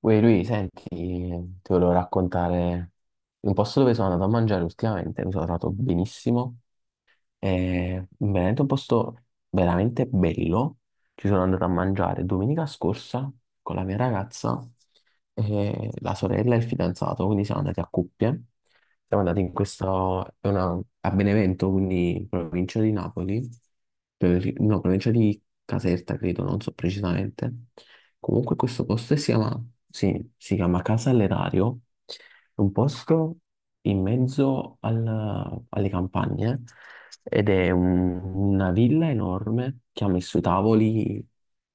Uè, lui, senti, ti volevo raccontare un posto dove sono andato a mangiare ultimamente, mi sono trovato benissimo, in Veneto è veramente un posto veramente bello. Ci sono andato a mangiare domenica scorsa con la mia ragazza, e la sorella e il fidanzato, quindi siamo andati a coppie. Siamo andati in questo, a Benevento, quindi in provincia di Napoli, no, provincia di Caserta, credo, non so precisamente. Comunque questo posto si chiama, sì, si chiama Casa all'Erario, è un posto in mezzo alle campagne ed è una villa enorme che ha messo i tavoli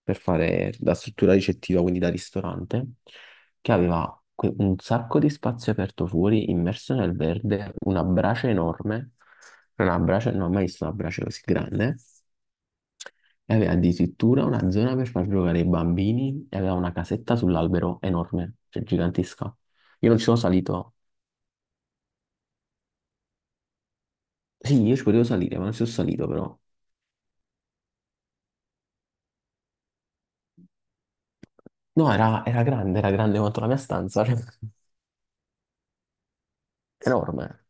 per fare da struttura ricettiva, quindi da ristorante, che aveva un sacco di spazio aperto fuori, immerso nel verde, una brace enorme, una brace, non ho mai visto una brace così grande. E aveva addirittura una zona per far giocare i bambini e aveva una casetta sull'albero enorme, cioè gigantesca. Io non ci sono salito. Sì, io ci potevo salire, ma non ci sono salito però. No, era, era grande quanto la mia stanza, cioè, enorme.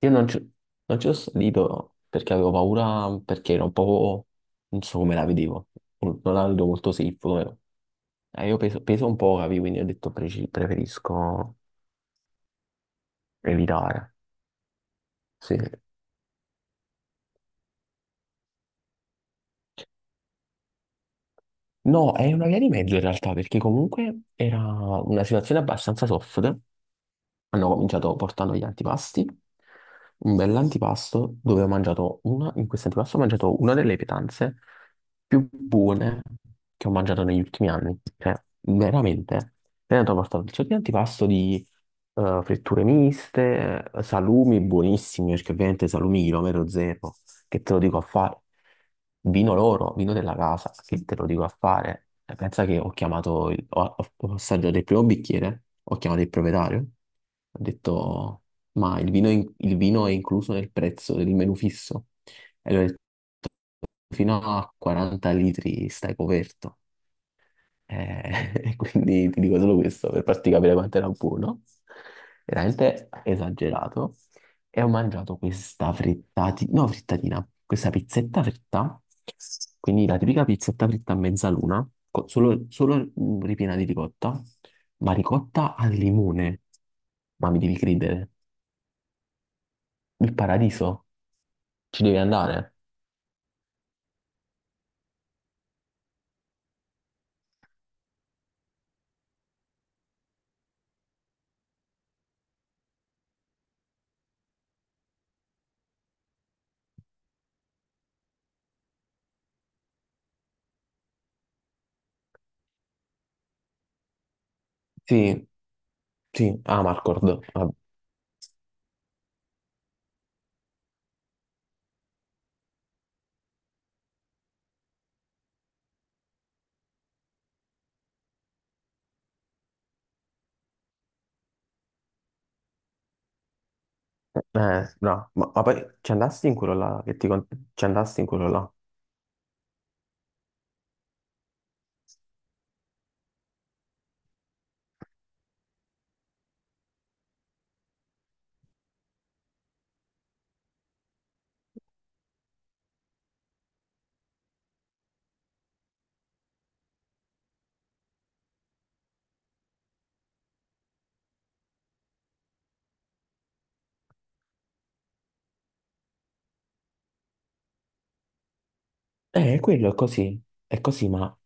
Io non ci, non ci sono salito perché avevo paura, perché era un po', non so come la vedevo, non la vedo molto safe. Come- io peso, peso un po', capi, quindi ho detto preferisco evitare. Sì. No, è una via di mezzo in realtà, perché comunque era una situazione abbastanza soft. Hanno cominciato portando gli antipasti, un bell'antipasto dove ho mangiato una, in questo antipasto ho mangiato una delle pietanze più buone che ho mangiato negli ultimi anni. Cioè, veramente. Poi hanno portato il sacco di antipasto di fritture miste, salumi buonissimi, perché ovviamente salumi chilometro zero, che te lo dico a fare, vino loro, vino della casa, che te lo dico a fare. E pensa che ho chiamato, ho assaggiato il primo bicchiere, ho chiamato il proprietario, ho detto, ma il vino, il vino è incluso nel prezzo del menù fisso? E lui ha detto, fino a 40 litri stai coperto. E quindi ti dico solo questo per farti capire quanto era buono. Veramente esagerato. E ho mangiato questa no, frittatina, questa pizzetta fritta. Quindi la tipica pizzetta fritta a mezzaluna, solo, ripiena di ricotta, ma ricotta al limone. Ma mi devi credere, il paradiso, ci devi andare. Sì, sì, ah, Marcord. Vabbè. No, ma poi ci andasti in quello là, ci andasti in quello là. Quello è così, ma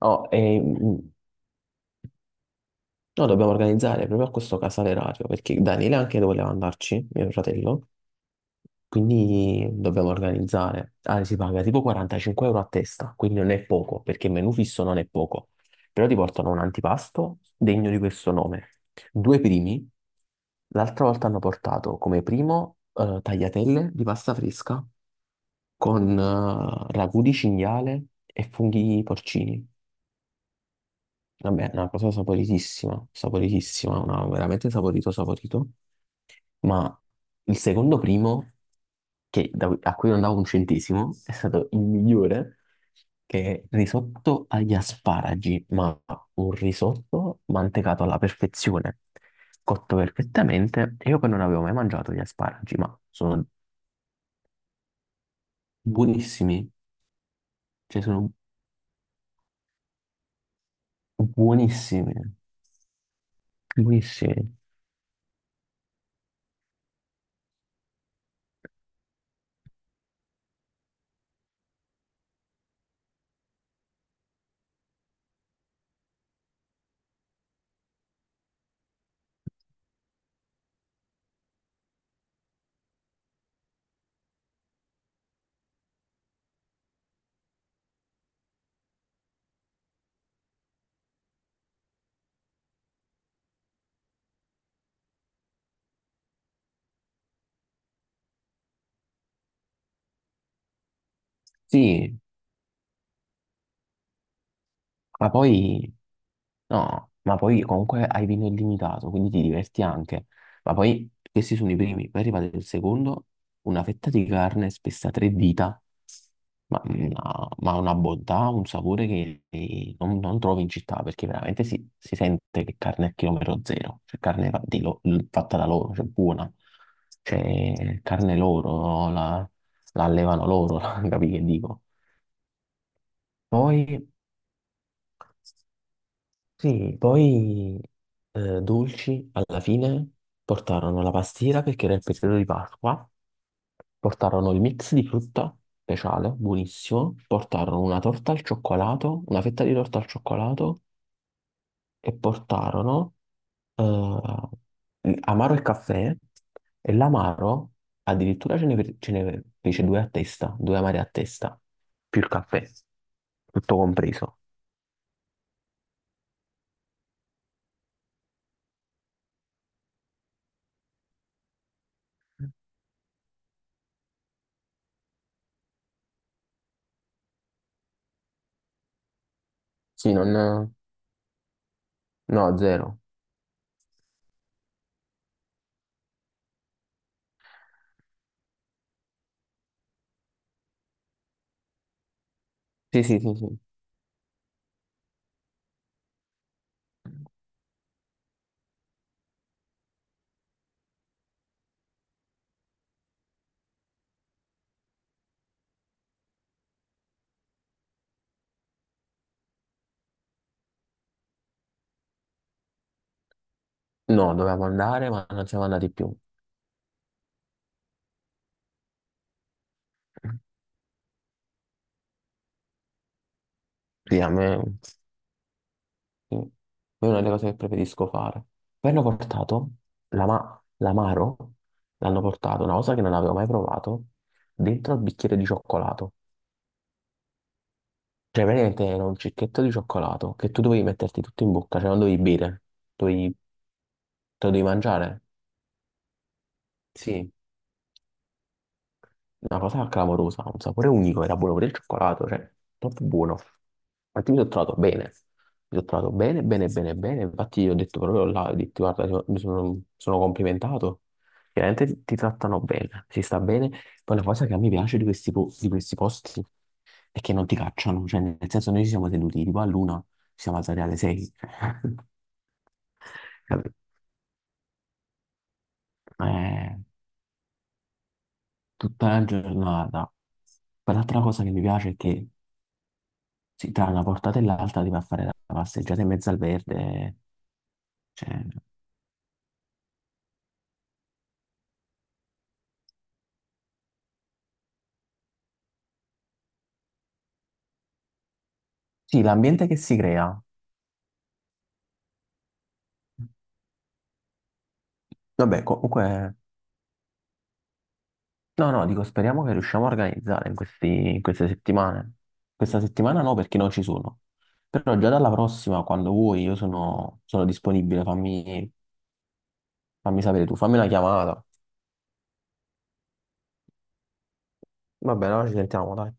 no, noi dobbiamo organizzare proprio a questo casale radio, perché Daniele anche voleva andarci, mio fratello, quindi dobbiamo organizzare. Ah, si paga tipo 45 euro a testa, quindi non è poco, perché il menù fisso non è poco, però ti portano un antipasto degno di questo nome. Due primi, l'altra volta hanno portato come primo tagliatelle di pasta fresca con ragù di cinghiale e funghi porcini. Vabbè, è una cosa saporitissima, saporitissima, una, veramente saporito, saporito. Ma il secondo primo, a cui non davo un centesimo, è stato il migliore, che è risotto agli asparagi, ma un risotto mantecato alla perfezione, cotto perfettamente. E io poi non avevo mai mangiato gli asparagi, ma sono buonissimi, cioè sono buonissimi, buonissimi. Sì, ma poi, no, ma poi comunque hai vino illimitato, quindi ti diverti anche. Ma poi questi sono i primi, poi è arrivato il secondo, una fetta di carne spessa a tre dita, ma una bontà, un sapore che non, non trovi in città, perché veramente si, si sente che carne a chilometro zero, cioè carne fa- di lo- fatta da loro, cioè buona, cioè carne loro, no? La allevano loro, capi che dico? Poi sì, poi dolci alla fine portarono la pastiera perché era il periodo di Pasqua, portarono il mix di frutta speciale, buonissimo, portarono una torta al cioccolato, una fetta di torta al cioccolato e portarono amaro e caffè e l'amaro addirittura ce ne fece due a testa, due amari a testa, più il caffè, tutto compreso. Sì, non... No, zero. Sì, sì, sì, sì. No, dovevamo andare, ma non siamo andati più. Sì, a me sì. È una delle cose che preferisco fare. Poi hanno portato l'amaro, l'hanno portato, una cosa che non avevo mai provato, dentro al bicchiere di cioccolato. Cioè, praticamente era un cicchetto di cioccolato che tu dovevi metterti tutto in bocca, cioè non dovevi bere, dovevi, te lo dovevi mangiare. Sì, una cosa clamorosa, un sapore unico, era buono pure il cioccolato, cioè, troppo buono. Infatti mi sono trovato bene, mi sono trovato bene, bene, bene, bene, infatti io ho detto proprio là, ho detto, guarda, io mi sono, sono complimentato, veramente ti, ti trattano bene, si sta bene. Poi la cosa che a me piace di questi, di questi posti è che non ti cacciano, cioè nel senso noi ci siamo tenuti tipo all'una, ci siamo alzati alle sei, Capito? Eh, tutta la giornata. Poi l'altra cosa che mi piace è che sì, tra una portata e l'altra ti va a fare la passeggiata in mezzo al verde. Cioè, sì, l'ambiente che si crea. Vabbè, comunque, no, no, dico, speriamo che riusciamo a organizzare in in queste settimane. Questa settimana no, perché non ci sono. Però già dalla prossima, quando vuoi, io sono, sono disponibile. Fammi, fammi sapere tu, fammi una chiamata. Va bene, allora ci sentiamo, dai.